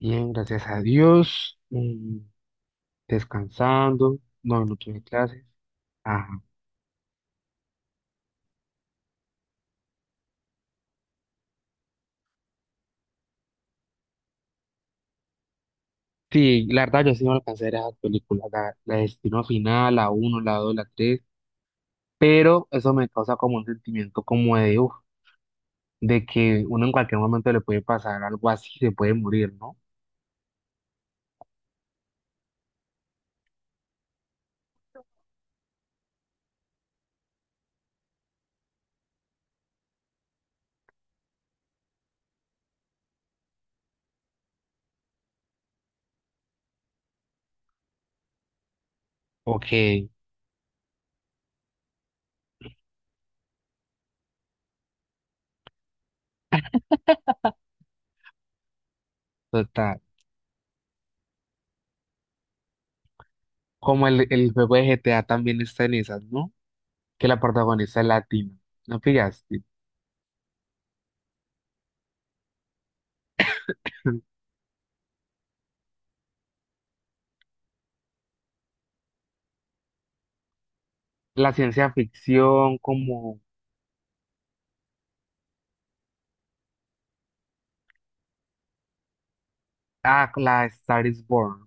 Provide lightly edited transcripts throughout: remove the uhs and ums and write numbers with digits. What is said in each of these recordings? Bien, gracias a Dios. Descansando. No, no tuve clases. Ajá. Sí, la verdad yo sí no alcancé a ver esas películas, la Destino Final, la uno la 2 la tres, pero eso me causa como un sentimiento como de, uf, de que uno en cualquier momento le puede pasar algo así, se puede morir, ¿no? Ok, total. Como el juego de GTA también está en esas, ¿no? Que la protagonista es latina, ¿no pillaste? La ciencia ficción como, ah, la Star is Born.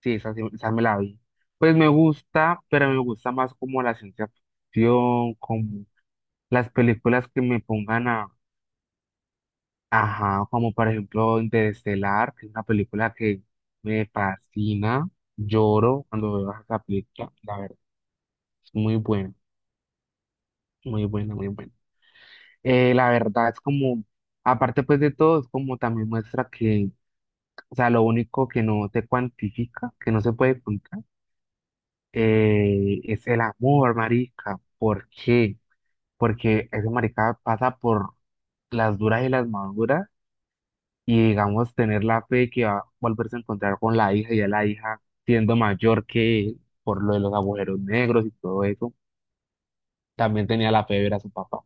Sí, esa, esa me la vi. Pues me gusta, pero me gusta más como la ciencia ficción, como las películas que me pongan a, ajá, como por ejemplo Interestelar, que es una película que me fascina, lloro cuando veo esa película, la verdad, es muy buena, muy buena, muy buena. La verdad es como, aparte pues de todo, es como también muestra que, o sea, lo único que no se cuantifica, que no se puede contar, es el amor, marica. ¿Por qué? Porque ese marica pasa por las duras y las maduras, y digamos tener la fe de que va a volverse a encontrar con la hija y a la hija siendo mayor que él por lo de los agujeros negros y todo eso, también tenía la fe de ver a su papá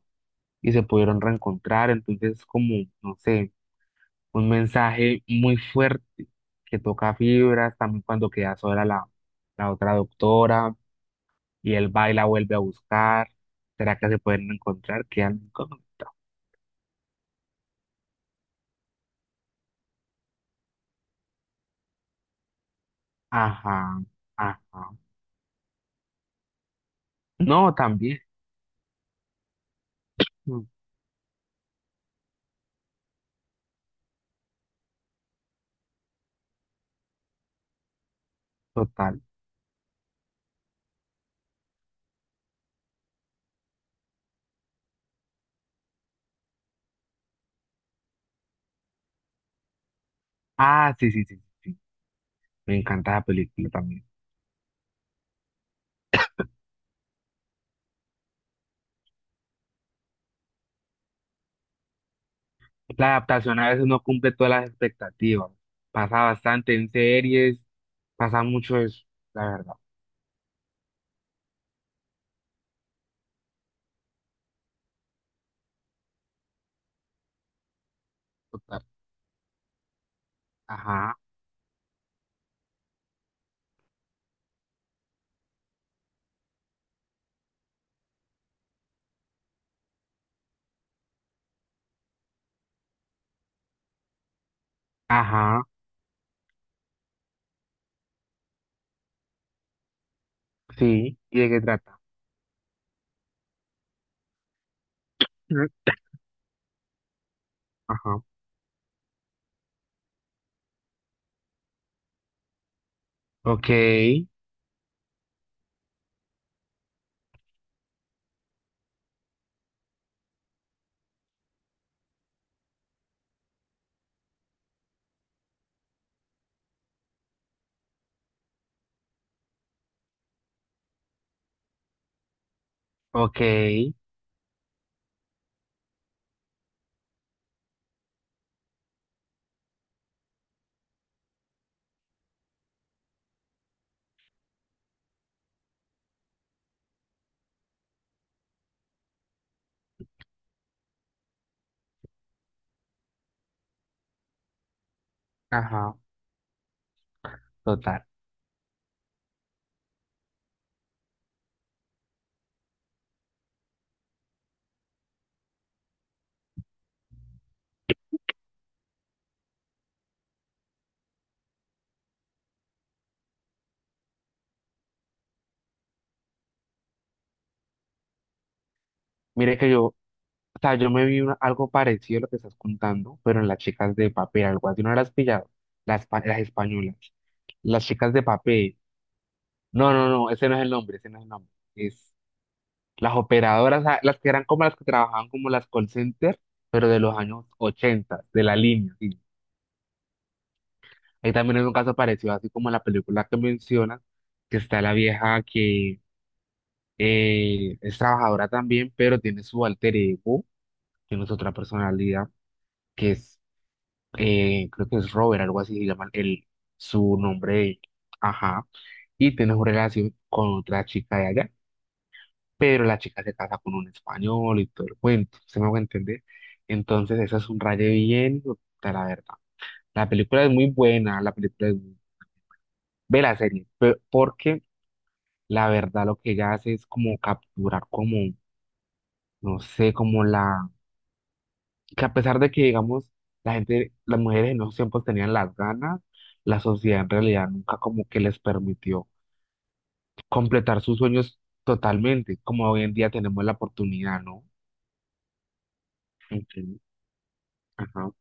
y se pudieron reencontrar, entonces como, no sé, un mensaje muy fuerte que toca fibras, también cuando queda sola la, la otra doctora y él va y la vuelve a buscar, ¿será que se pueden encontrar? Quedan incógnitas. Ajá. Ajá. No, también. mm, Total. Ah, sí, sí, sí, sí. Me encanta la película también. La adaptación a veces no cumple todas las expectativas. Pasa bastante en series, pasa mucho eso, la verdad. Total. Ajá, ajá, sí. ¿Y de qué trata? Mm, ajá. Ok, ok, ajá, total. Mire que yo, o sea, yo me vi algo parecido a lo que estás contando, pero en las chicas de papel, algo así, no las has pillado, las españolas, las chicas de papel. No, no, no, ese no es el nombre, ese no es el nombre. Es las operadoras, ah, las que eran como las que trabajaban como las call center, pero de los años 80, de la línea, sí. Ahí también es un caso parecido, así como en la película que mencionas, que está la vieja que es trabajadora también, pero tiene su alter ego, que no es otra personalidad, que es, creo que es Robert, algo así, se llama el, su nombre, ajá, y tiene su relación con otra chica de allá. Pero la chica se casa con un español y todo el cuento, ¿se me va a entender? Entonces, eso es un raye bien, puta, la verdad. La película es muy buena, la película es muy... Ve la serie, porque la verdad lo que ella hace es como capturar como, no sé, como la... Que a pesar de que, digamos, la gente, las mujeres en esos tiempos tenían las ganas, la sociedad en realidad nunca como que les permitió completar sus sueños totalmente, como hoy en día tenemos la oportunidad, ¿no? Ok, ajá.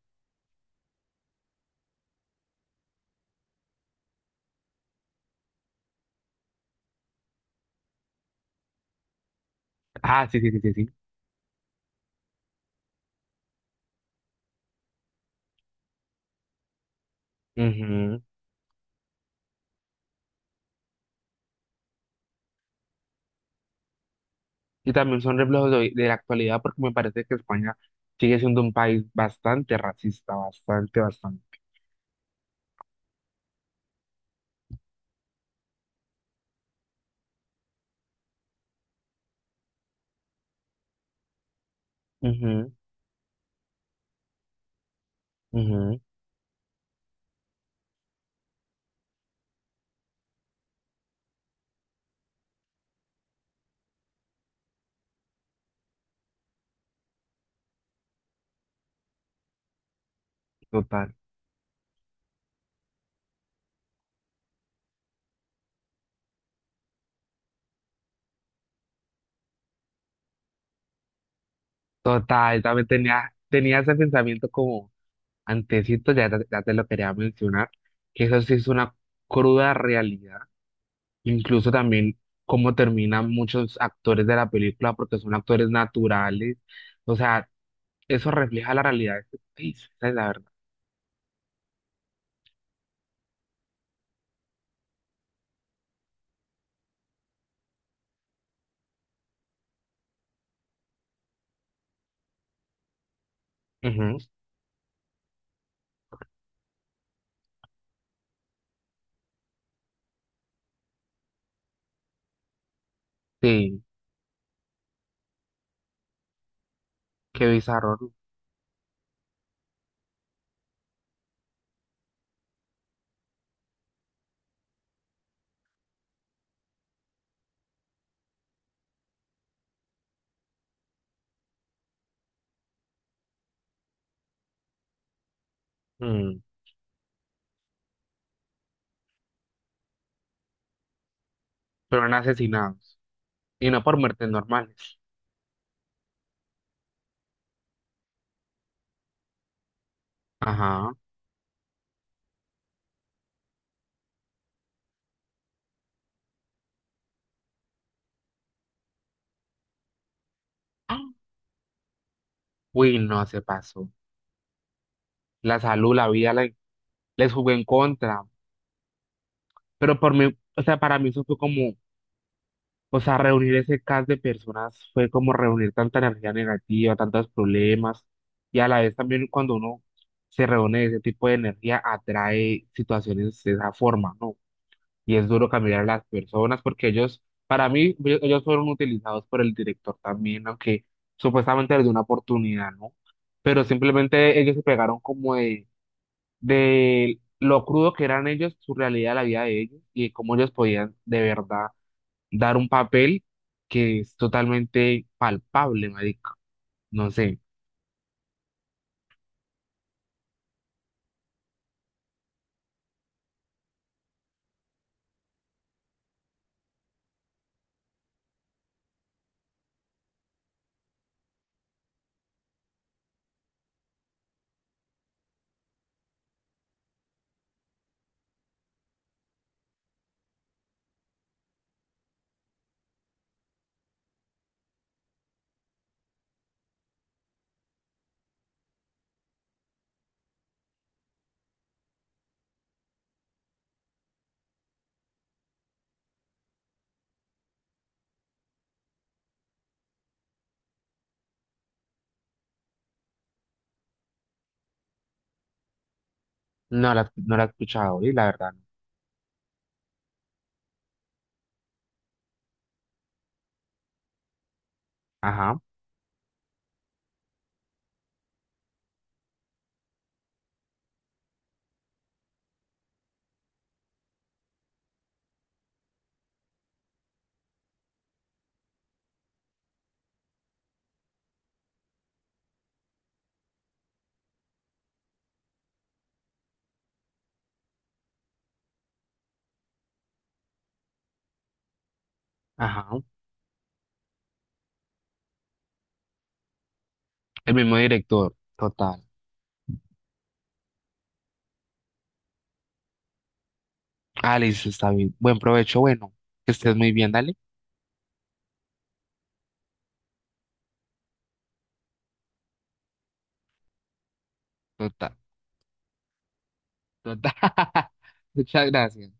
Ah, sí, sí, sí, sí, sí. Ujú. Y también son reflejos de, de la actualidad, porque me parece que España sigue siendo un país bastante racista, bastante, bastante. Ujú, ujú, total. Total, también tenía ese pensamiento como antecito, ya, ya te lo quería mencionar, que eso sí es una cruda realidad. Incluso también cómo terminan muchos actores de la película porque son actores naturales. O sea, eso refleja la realidad de este país, esa es la verdad. Ujú, sí, qué bizarro, Mm, fueron asesinados y no por muertes normales. Ajá. ¡Ah! Uy, no se pasó. La salud, la vida les jugó en contra. Pero por mí, o sea, para mí eso fue como, o sea, reunir ese cast de personas fue como reunir tanta energía negativa, tantos problemas. Y a la vez también cuando uno se reúne de ese tipo de energía atrae situaciones de esa forma, ¿no? Y es duro cambiar a las personas porque ellos, para mí, ellos fueron utilizados por el director también, aunque supuestamente les dio una oportunidad, ¿no? Pero simplemente ellos se pegaron como de, lo crudo que eran ellos, su realidad, la vida de ellos y de cómo ellos podían de verdad dar un papel que es totalmente palpable, marica. No sé, no la he escuchado, y la verdad, no. Ajá, ajá, el mismo director, total. Alice, está bien. Buen provecho, bueno, que estés muy bien, dale. Total, total. Muchas gracias.